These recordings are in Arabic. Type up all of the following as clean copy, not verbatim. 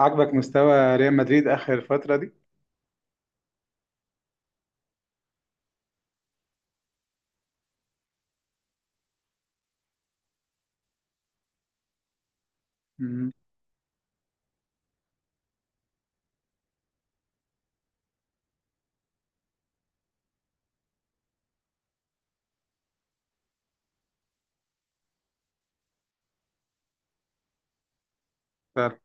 عاجبك مستوى ريال مدريد اخر فتره دي؟ مم. فعلا.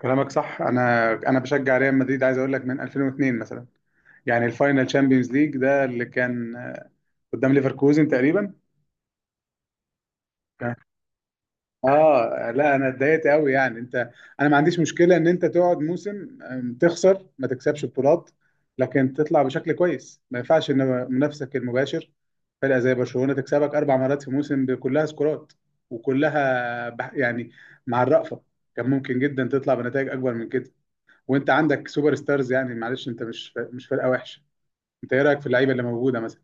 كلامك صح. انا بشجع ريال مدريد، عايز اقول لك من 2002 مثلا. يعني الفاينل تشامبيونز ليج ده اللي كان قدام ليفركوزن تقريبا. كان- اه لا انا اتضايقت قوي يعني. انت، انا ما عنديش مشكله ان انت تقعد موسم تخسر ما تكسبش بطولات، لكن تطلع بشكل كويس. ما ينفعش ان منافسك المباشر فرقه زي برشلونه تكسبك اربع مرات في موسم، كلها سكورات يعني. مع الرأفه، كان ممكن جدا تطلع بنتائج اكبر من كده وانت عندك سوبر ستارز. يعني معلش، انت مش فرقه وحشه. انت ايه رايك في اللعيبه اللي موجوده مثلا؟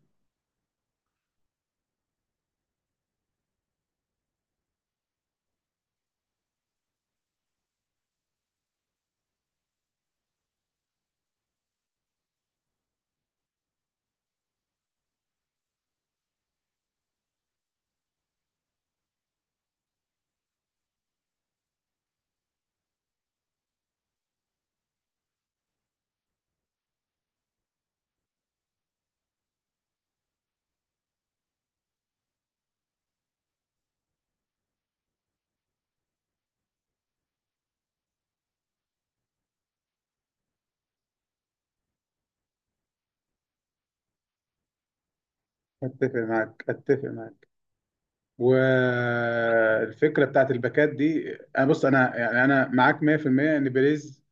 اتفق معاك، اتفق معاك. والفكره بتاعت الباكات دي، انا بص، انا يعني، انا معاك 100% ان بيريز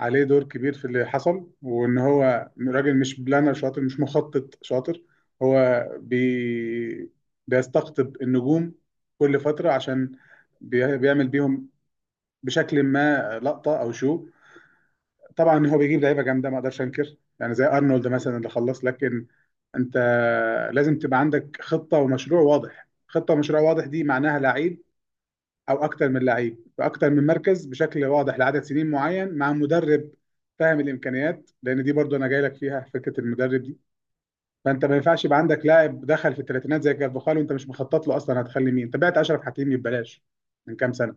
عليه دور كبير في اللي حصل، وان هو راجل مش بلانر شاطر، مش مخطط شاطر. هو بي... بيستقطب النجوم كل فترة، عشان بيعمل بيهم بشكل ما، لقطة او شو. طبعا هو بيجيب لعيبة جامدة، ما اقدرش انكر، يعني زي ارنولد مثلا اللي خلص. لكن انت لازم تبقى عندك خطة ومشروع واضح. خطة ومشروع واضح دي معناها لعيب او اكتر من لعيب في اكتر من مركز بشكل واضح لعدد سنين معين، مع مدرب فاهم الامكانيات، لان دي برضو انا جاي لك فيها، فكره المدرب دي. فانت ما ينفعش يبقى عندك لاعب دخل في الثلاثينات زي كارفاخال وانت مش مخطط له اصلا. هتخلي مين؟ انت بعت اشرف حكيمي ببلاش من كام سنه،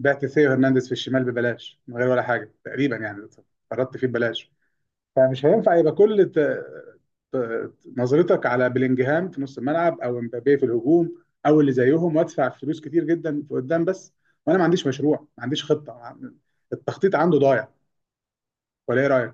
بعت ثيو هرنانديز في الشمال ببلاش من غير ولا حاجه تقريبا يعني، قرضت فيه ببلاش. فمش هينفع يبقى نظرتك على بلينجهام في نص الملعب او امبابيه في الهجوم او اللي زيهم، وادفع فلوس كتير جدا في قدام بس، وانا ما عنديش مشروع، ما عنديش خطه. التخطيط عنده ضايع، ولا ايه رايك؟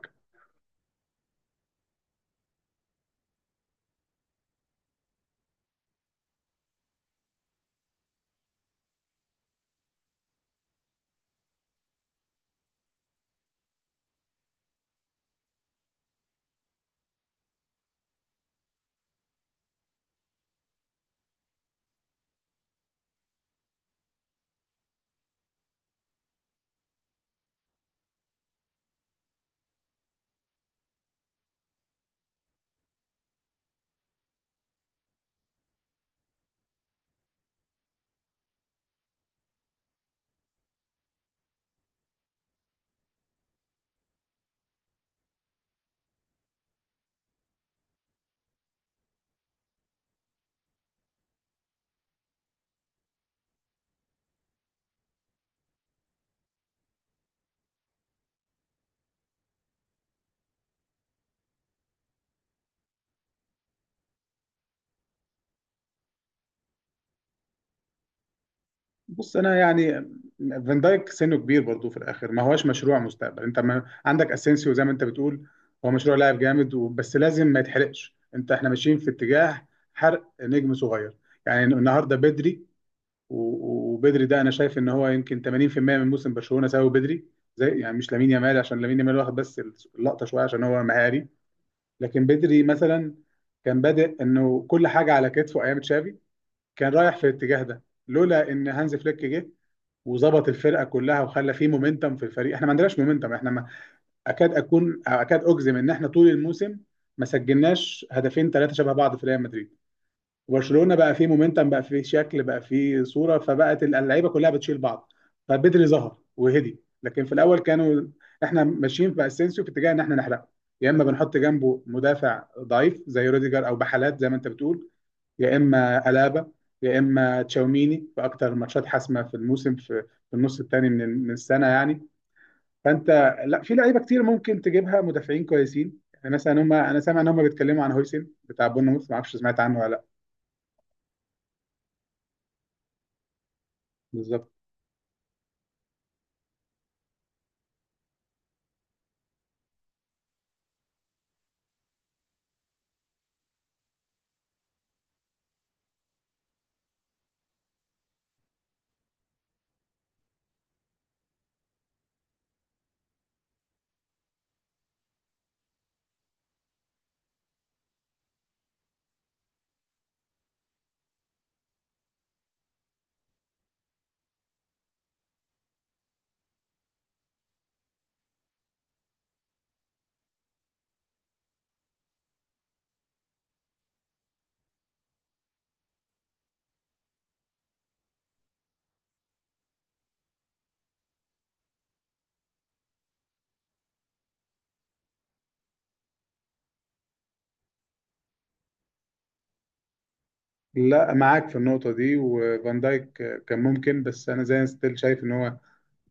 بص انا يعني، فان دايك سنه كبير برضه في الاخر، ما هوش مشروع مستقبل. انت ما عندك اسينسيو زي ما انت بتقول، هو مشروع لاعب جامد، بس لازم ما يتحرقش. انت، احنا ماشيين في اتجاه حرق نجم صغير. يعني النهارده بدري و- وبدري ده انا شايف ان هو يمكن 80% من موسم برشلونه سببه بدري. زي يعني مش لامين يامال، عشان لامين يامال واخد بس اللقطه شويه عشان هو مهاري، لكن بدري مثلا كان بادئ انه كل حاجه على كتفه ايام تشافي. كان رايح في الاتجاه ده لولا ان هانز فليك جه وظبط الفرقه كلها وخلى فيه مومنتم في الفريق. احنا ما عندناش مومنتم. احنا ما اكاد اكون اكاد اجزم ان احنا طول الموسم ما سجلناش هدفين ثلاثه شبه بعض في ريال مدريد. وبرشلونه بقى فيه مومنتم، بقى فيه شكل، بقى فيه صوره، فبقت اللعيبه كلها بتشيل بعض. فبدري ظهر وهدي، لكن في الاول كانوا، احنا ماشيين في اسينسيو في اتجاه ان احنا نحرقه. يا اما بنحط جنبه مدافع ضعيف زي روديجر او بحالات زي ما انت بتقول، يا اما الابا، يا اما تشاوميني في اكتر ماتشات حاسمه في الموسم، في في النص الثاني من السنه يعني. فانت، لا، في لعيبه كتير ممكن تجيبها مدافعين كويسين. يعني مثلا هم انا سامع ان هم بيتكلموا عن هويسن بتاع بورنموث، ما اعرفش سمعت عنه ولا لا. بالظبط. لا معاك في النقطة دي. وفان دايك كان ممكن، بس أنا زي ستيل شايف إن هو،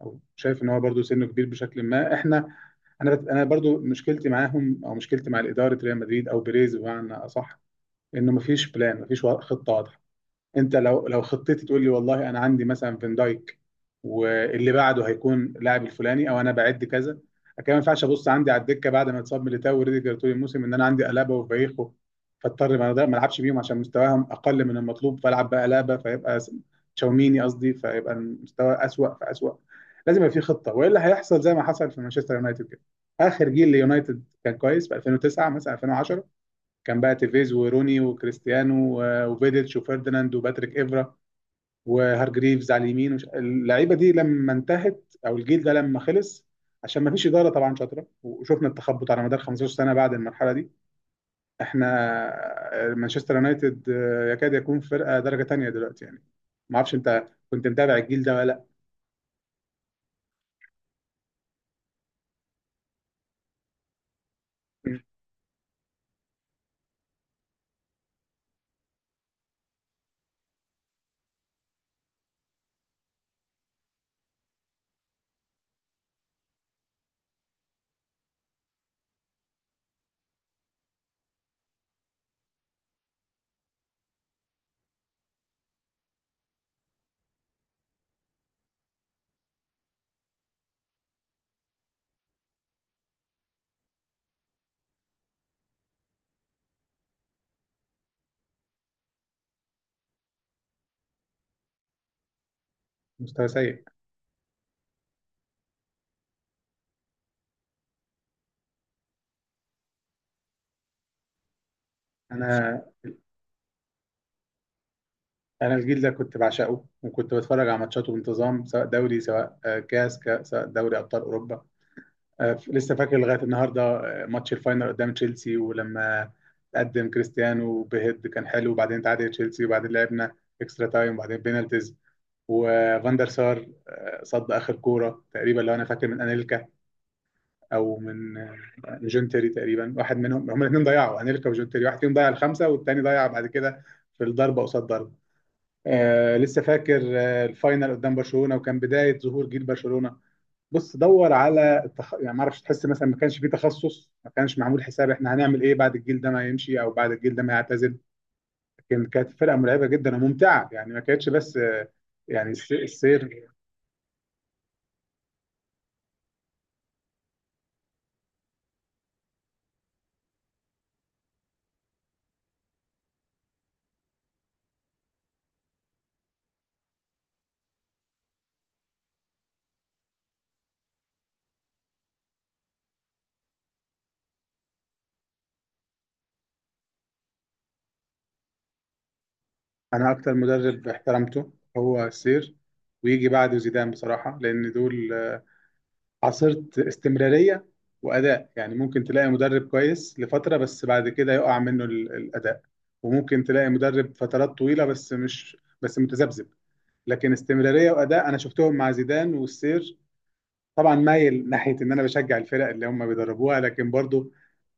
أو شايف إن هو برضه سنه كبير بشكل ما. إحنا، أنا برضه مشكلتي معاهم، أو مشكلتي مع إدارة ريال مدريد أو بيريز بمعنى أصح، إنه مفيش بلان، خطة. انت لو، لو خطتي تقول لي والله انا عندي مثلا فان دايك، واللي بعده هيكون لاعب الفلاني، او انا بعد كذا. لكن ما ينفعش ابص عندي على الدكه بعد ما اتصاب ميليتاو وريديجر طول الموسم، ان انا عندي الابا وفايخو فاضطر ما العبش بيهم عشان مستواهم اقل من المطلوب، فالعب بقى الابا، تشاوميني قصدي، فيبقى المستوى اسوأ فاسوأ. لازم يبقى في خطه، والا هيحصل زي ما حصل في مانشستر يونايتد كده. اخر جيل ليونايتد كان كويس في 2009 مثلا، 2010، كان بقى تيفيز وروني وكريستيانو و- وفيديتش وفيرديناند وباتريك إيفرا وهارجريفز على اليمين اللعيبه دي لما انتهت، او الجيل ده لما خلص، عشان ما فيش اداره طبعا شاطره، وشفنا التخبط على مدار 15 سنه بعد المرحله دي. احنا مانشستر يونايتد يكاد يكون فرقه درجه تانية دلوقتي يعني. ما اعرفش انت كنت متابع الجيل ده ولا لا؟ مستوى سيء. انا، انا الجيل ده كنت بعشقه، وكنت بتفرج على ماتشاته بانتظام، سواء دوري، سواء دوري ابطال اوروبا. لسه فاكر لغايه النهارده ماتش الفاينل قدام تشيلسي، ولما قدم كريستيانو بهيد كان حلو، وبعدين تعادل تشيلسي، وبعدين لعبنا اكسترا تايم، وبعدين بينالتيز، وفاندر سار صد اخر كوره تقريبا لو انا فاكر من انيلكا، او من آه، من جون تيري تقريبا، واحد منهم، هم الاثنين ضيعوا، انيلكا وجون تيري، واحد فيهم ضيع الخمسه والتاني ضيع بعد كده، في الضربه قصاد ضربه. آه لسه فاكر آه الفاينل قدام برشلونه، وكان بدايه ظهور جيل برشلونه. بص دور على يعني ما اعرفش، تحس مثلا ما كانش في تخصص، ما كانش معمول حساب احنا هنعمل ايه بعد الجيل ده ما يمشي، او بعد الجيل ده ما يعتزل. لكن كانت فرقه مرعبه جدا وممتعه يعني، ما كانتش بس السير. انا اكتر مدرب احترمته هو السير، ويجي بعده زيدان بصراحه، لان دول عصرة استمراريه واداء. يعني ممكن تلاقي مدرب كويس لفتره، بس بعد كده يقع منه الاداء، وممكن تلاقي مدرب فترات طويله بس مش، بس متذبذب. لكن استمراريه واداء انا شفتهم مع زيدان والسير. طبعا مايل ناحيه ان انا بشجع الفرق اللي هم بيدربوها، لكن برضو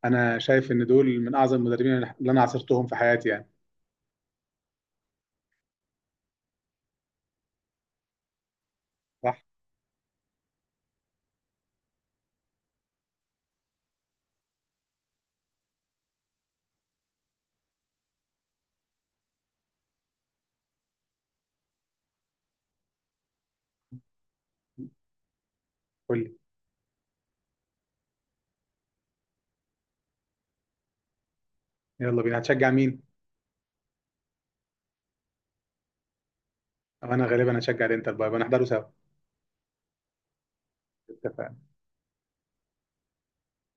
انا شايف ان دول من اعظم المدربين اللي انا عاصرتهم في حياتي يعني. صح. قول لي. يلا بينا. هتشجع مين؟ أو انا غالبا هشجع الانتر، بقى بنحضره سوا. اتفقنا.